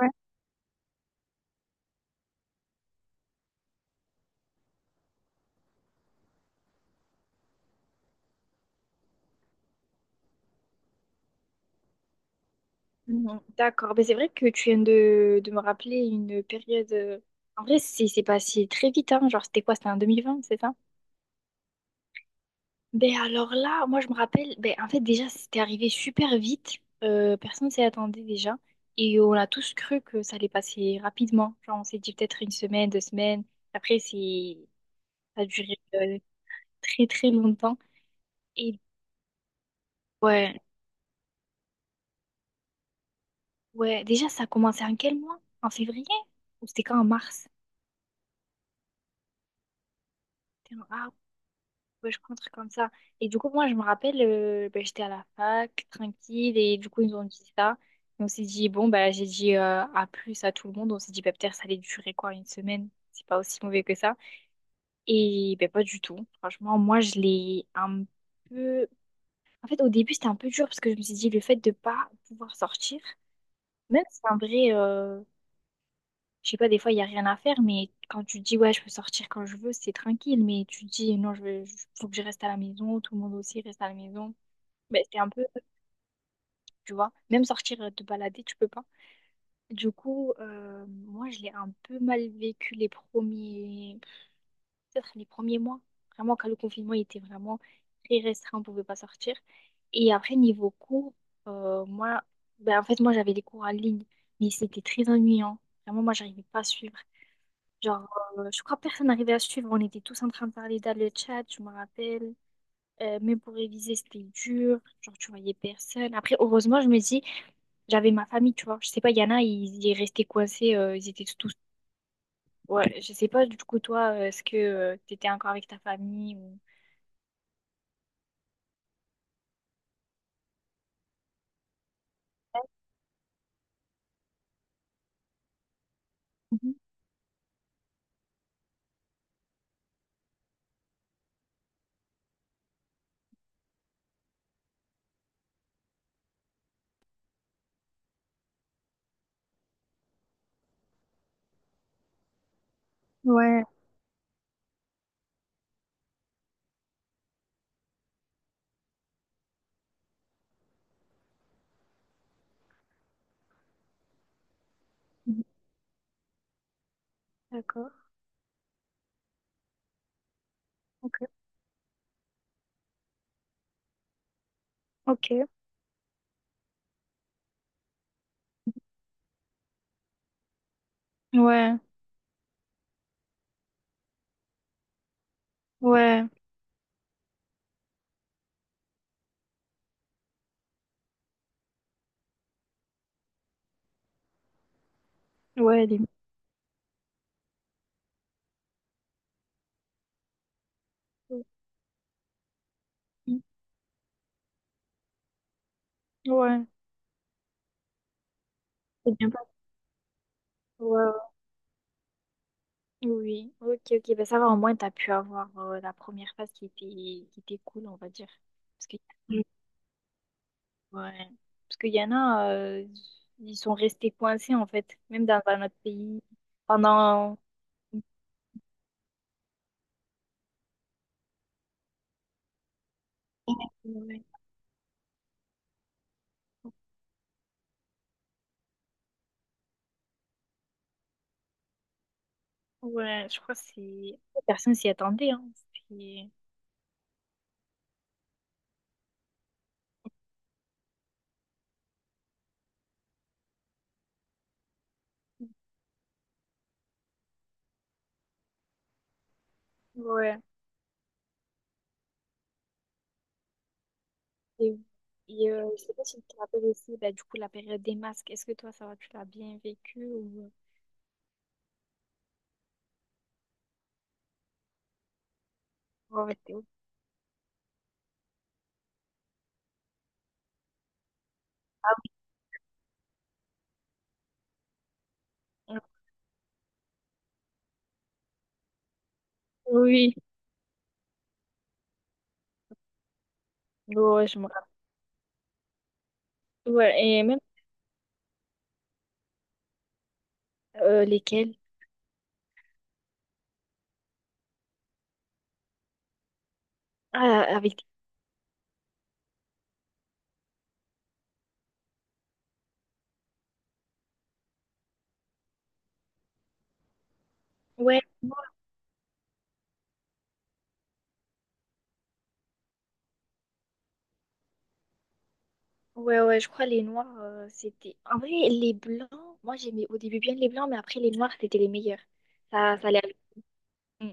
Ouais. Mhm. D'accord, mais c'est vrai que tu viens de me rappeler une période. En vrai, c'est passé très vite, hein. Genre, c'était quoi? C'était en 2020, c'est ça? Ben alors là, moi je me rappelle, ben en fait déjà c'était arrivé super vite. Personne s'y attendait déjà, et on a tous cru que ça allait passer rapidement. Genre on s'est dit peut-être une semaine, deux semaines, après c'est ça a duré très très longtemps. Et ouais, ouais, déjà ça a commencé en quel mois? En février? Ou c'était quand en mars? C'était en- Ah ouais, je crois un truc comme ça. Et du coup, moi, je me rappelle, ben, j'étais à la fac, tranquille, et du coup, ils nous ont dit ça. Et on s'est dit, bon, ben j'ai dit à plus à tout le monde. On s'est dit, bah, peut-être ça allait durer quoi, une semaine? C'est pas aussi mauvais que ça. Et ben, pas du tout. Franchement, moi, je l'ai un peu. En fait, au début, c'était un peu dur parce que je me suis dit, le fait de pas pouvoir sortir, même si en vrai, je sais pas, des fois, il n'y a rien à faire, mais quand tu dis, ouais, je peux sortir quand je veux, c'est tranquille. Mais tu dis, non, je veux, faut que je reste à la maison, tout le monde aussi reste à la maison. Mais c'est un peu, tu vois, même sortir te balader, tu peux pas. Du coup, moi, je l'ai un peu mal vécu les premiers, peut-être les premiers mois. Vraiment, quand le confinement était vraiment très restreint, on pouvait pas sortir. Et après, niveau cours, moi, ben, en fait, moi, j'avais des cours en ligne, mais c'était très ennuyant. Vraiment, moi, j'arrivais pas à suivre. Genre, je crois que personne n'arrivait à suivre. On était tous en train de parler dans le chat, je me rappelle. Mais pour réviser, c'était dur. Genre, tu voyais personne. Après, heureusement, je me dis, j'avais ma famille, tu vois. Je sais pas, il y en a, ils restaient coincés. Ils étaient tous. Ouais, je sais pas, du coup, toi, est-ce que tu t'étais encore avec ta famille ou... Mhm. Ouais, mhm, d'accord. Ok. Ok. Ouais, ouais, ouais, les... Mhm. Ouais, c'est bien passé. Ouais, ouais. Oui, ok, ok. Ben, ça va, au moins, t'as pu avoir la première phase qui était cool, on va dire. Parce que ouais. Parce qu'il y en a, ils sont restés coincés en fait, même dans un autre pays pendant. Ouais, ouais, je crois que c'est. Personne s'y attendait, hein. Puis- ouais. Et, je sais pas si tu te rappelles aussi, bah, du coup, la période des masques, est-ce que toi, ça va, tu l'as bien vécu ou... Ouais, t'es- oui, ouais, je me rappelle. Ouais, et même lesquels? Ah, avec... Ouais. Ouais, ouais, je crois les noirs, c'était... En vrai, les blancs, moi j'aimais au début bien les blancs, mais après les noirs, c'était les meilleurs. Ça allait avec. Mm.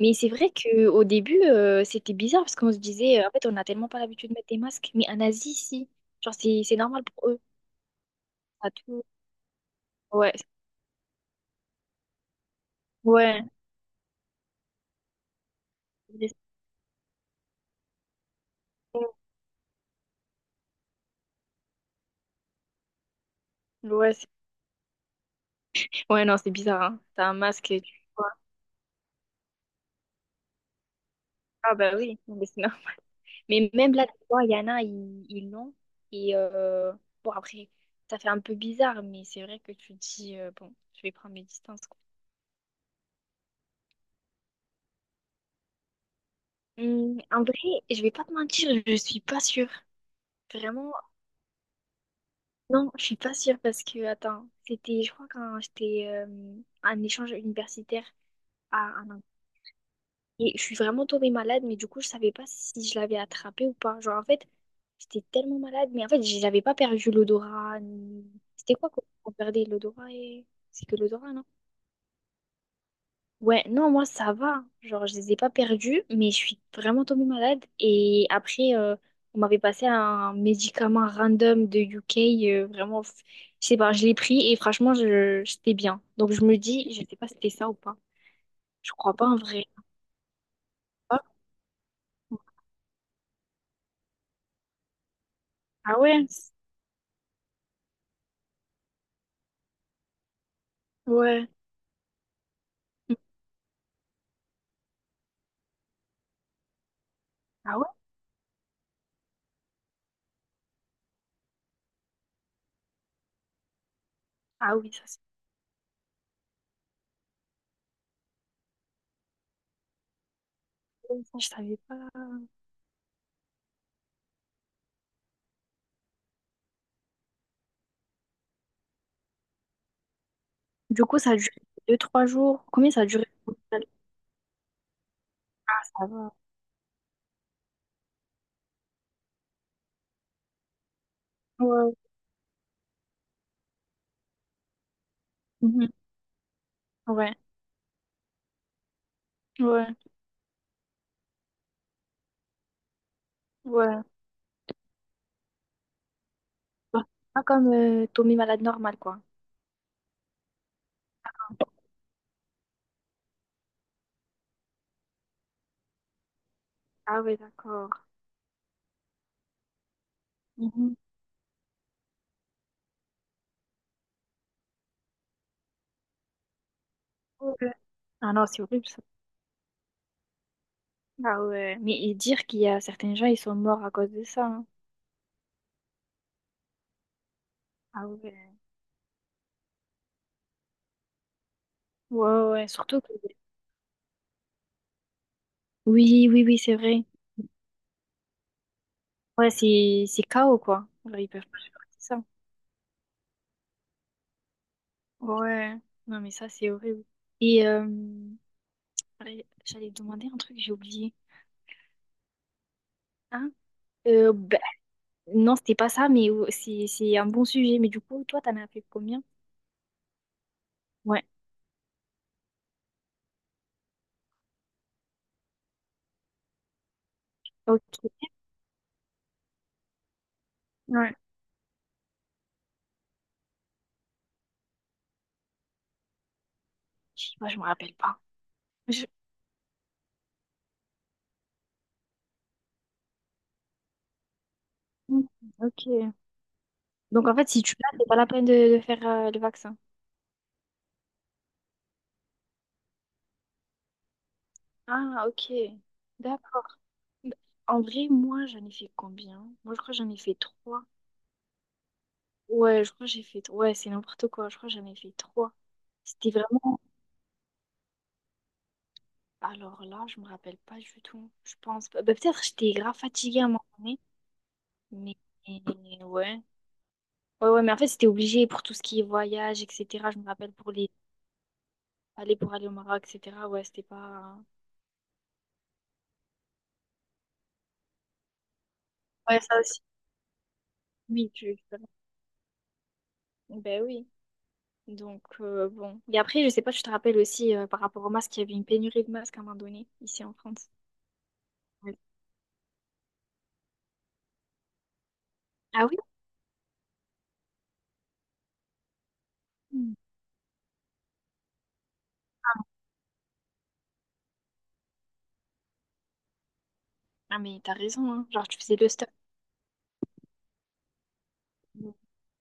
Mais c'est vrai qu'au début, c'était bizarre parce qu'on se disait, en fait, on n'a tellement pas l'habitude de mettre des masques, mais en Asie, si. Genre, c'est normal pour eux. Ça tout... Ouais, ouais. Ouais, c'est- ouais, non, c'est bizarre, hein. T'as un masque et tu... vois. Ah bah oui, mais c'est mais même là, tu vois, il y en a, ils l'ont. Et bon, après, ça fait un peu bizarre, mais c'est vrai que tu te dis, bon, je vais prendre mes distances, quoi. En vrai, je vais pas te mentir, je suis pas sûre. Vraiment, non, je suis pas sûre parce que, attends, c'était, je crois, quand j'étais en échange universitaire à, en et je suis vraiment tombée malade, mais du coup, je savais pas si je l'avais attrapé ou pas. Genre, en fait, j'étais tellement malade, mais en fait, j- j'avais pas perdu l'odorat. Ni- C'était quoi qu'on perdait l'odorat et... C'est que l'odorat, non? Ouais, non, moi, ça va. Genre, je les ai pas perdus, mais je suis vraiment tombée malade. Et après, on m'avait passé un médicament random de UK, vraiment, f- je sais pas, je l'ai pris et franchement, je... j'étais bien. Donc, je me dis, je sais pas si c'était ça ou pas. Je crois pas en vrai. Ah ouais? Ouais. Ah ah oui, ça c'est bon, ça, je savais pas. Du coup, ça a duré deux, trois jours. Combien ça a duré? Ah, ça va. Ouais. Mhm. Ouais. Ouais. Ouais. Bah, c'est pas comme Tommy malade normal, quoi. Ah ouais, d'accord. Mhm. Ouais. Ah non, c'est horrible ça. Ah ouais. Mais et dire qu'il y a certains gens, ils sont morts à cause de ça. Hein. Ah ouais. Ouais, ouais. Surtout que. Oui, oui, oui, c'est vrai. Ouais, c'est chaos, quoi. Genre, ils peuvent pas supporter ça. Ouais. Non, mais ça, c'est horrible. Et ouais, j'allais te demander un truc, j'ai oublié. Hein? Bah, non, c'était pas ça, mais c'est un bon sujet. Mais du coup, toi, t'en as fait combien? Ouais, ok. Ouais. Moi, je me rappelle pas. Je- hmm, ok. Donc, en fait, si tu l'as, c'est pas la peine de faire le vaccin. Ah, ok. D'accord. Bah, en vrai, moi, j'en ai fait combien? Moi, je crois que j'en ai fait trois. Ouais, je crois que j'ai fait... Ouais, c'est n'importe quoi. Je crois que j'en ai fait trois. C'était vraiment... Alors là, je me rappelle pas du tout. Je pense pas. Bah, peut-être j'étais grave fatiguée à un moment donné. Mais mais ouais. Ouais, ouais, mais en fait, c'était obligé pour tout ce qui est voyage, etc. Je me rappelle pour les aller pour aller au Maroc, etc. Ouais, c'était pas. Ouais, ça aussi. Oui, tu... Ben oui. Donc bon. Et après, je sais pas, je te rappelle aussi par rapport aux masques, il y avait une pénurie de masques à un moment donné, ici en France. Ouais. Ah oui? Ah mais t'as raison, hein. Genre tu faisais le stock.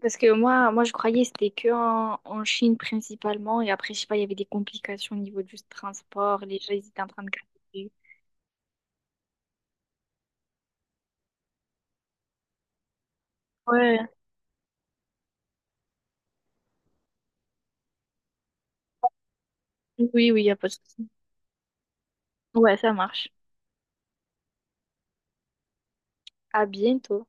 Parce que moi, je croyais que c'était que en, en Chine principalement. Et après, je sais pas, il y avait des complications au niveau du transport. Les gens, ils étaient en train de galérer. Ouais. Oui, oui, il n'y a pas de souci. Ouais, ça marche. À bientôt.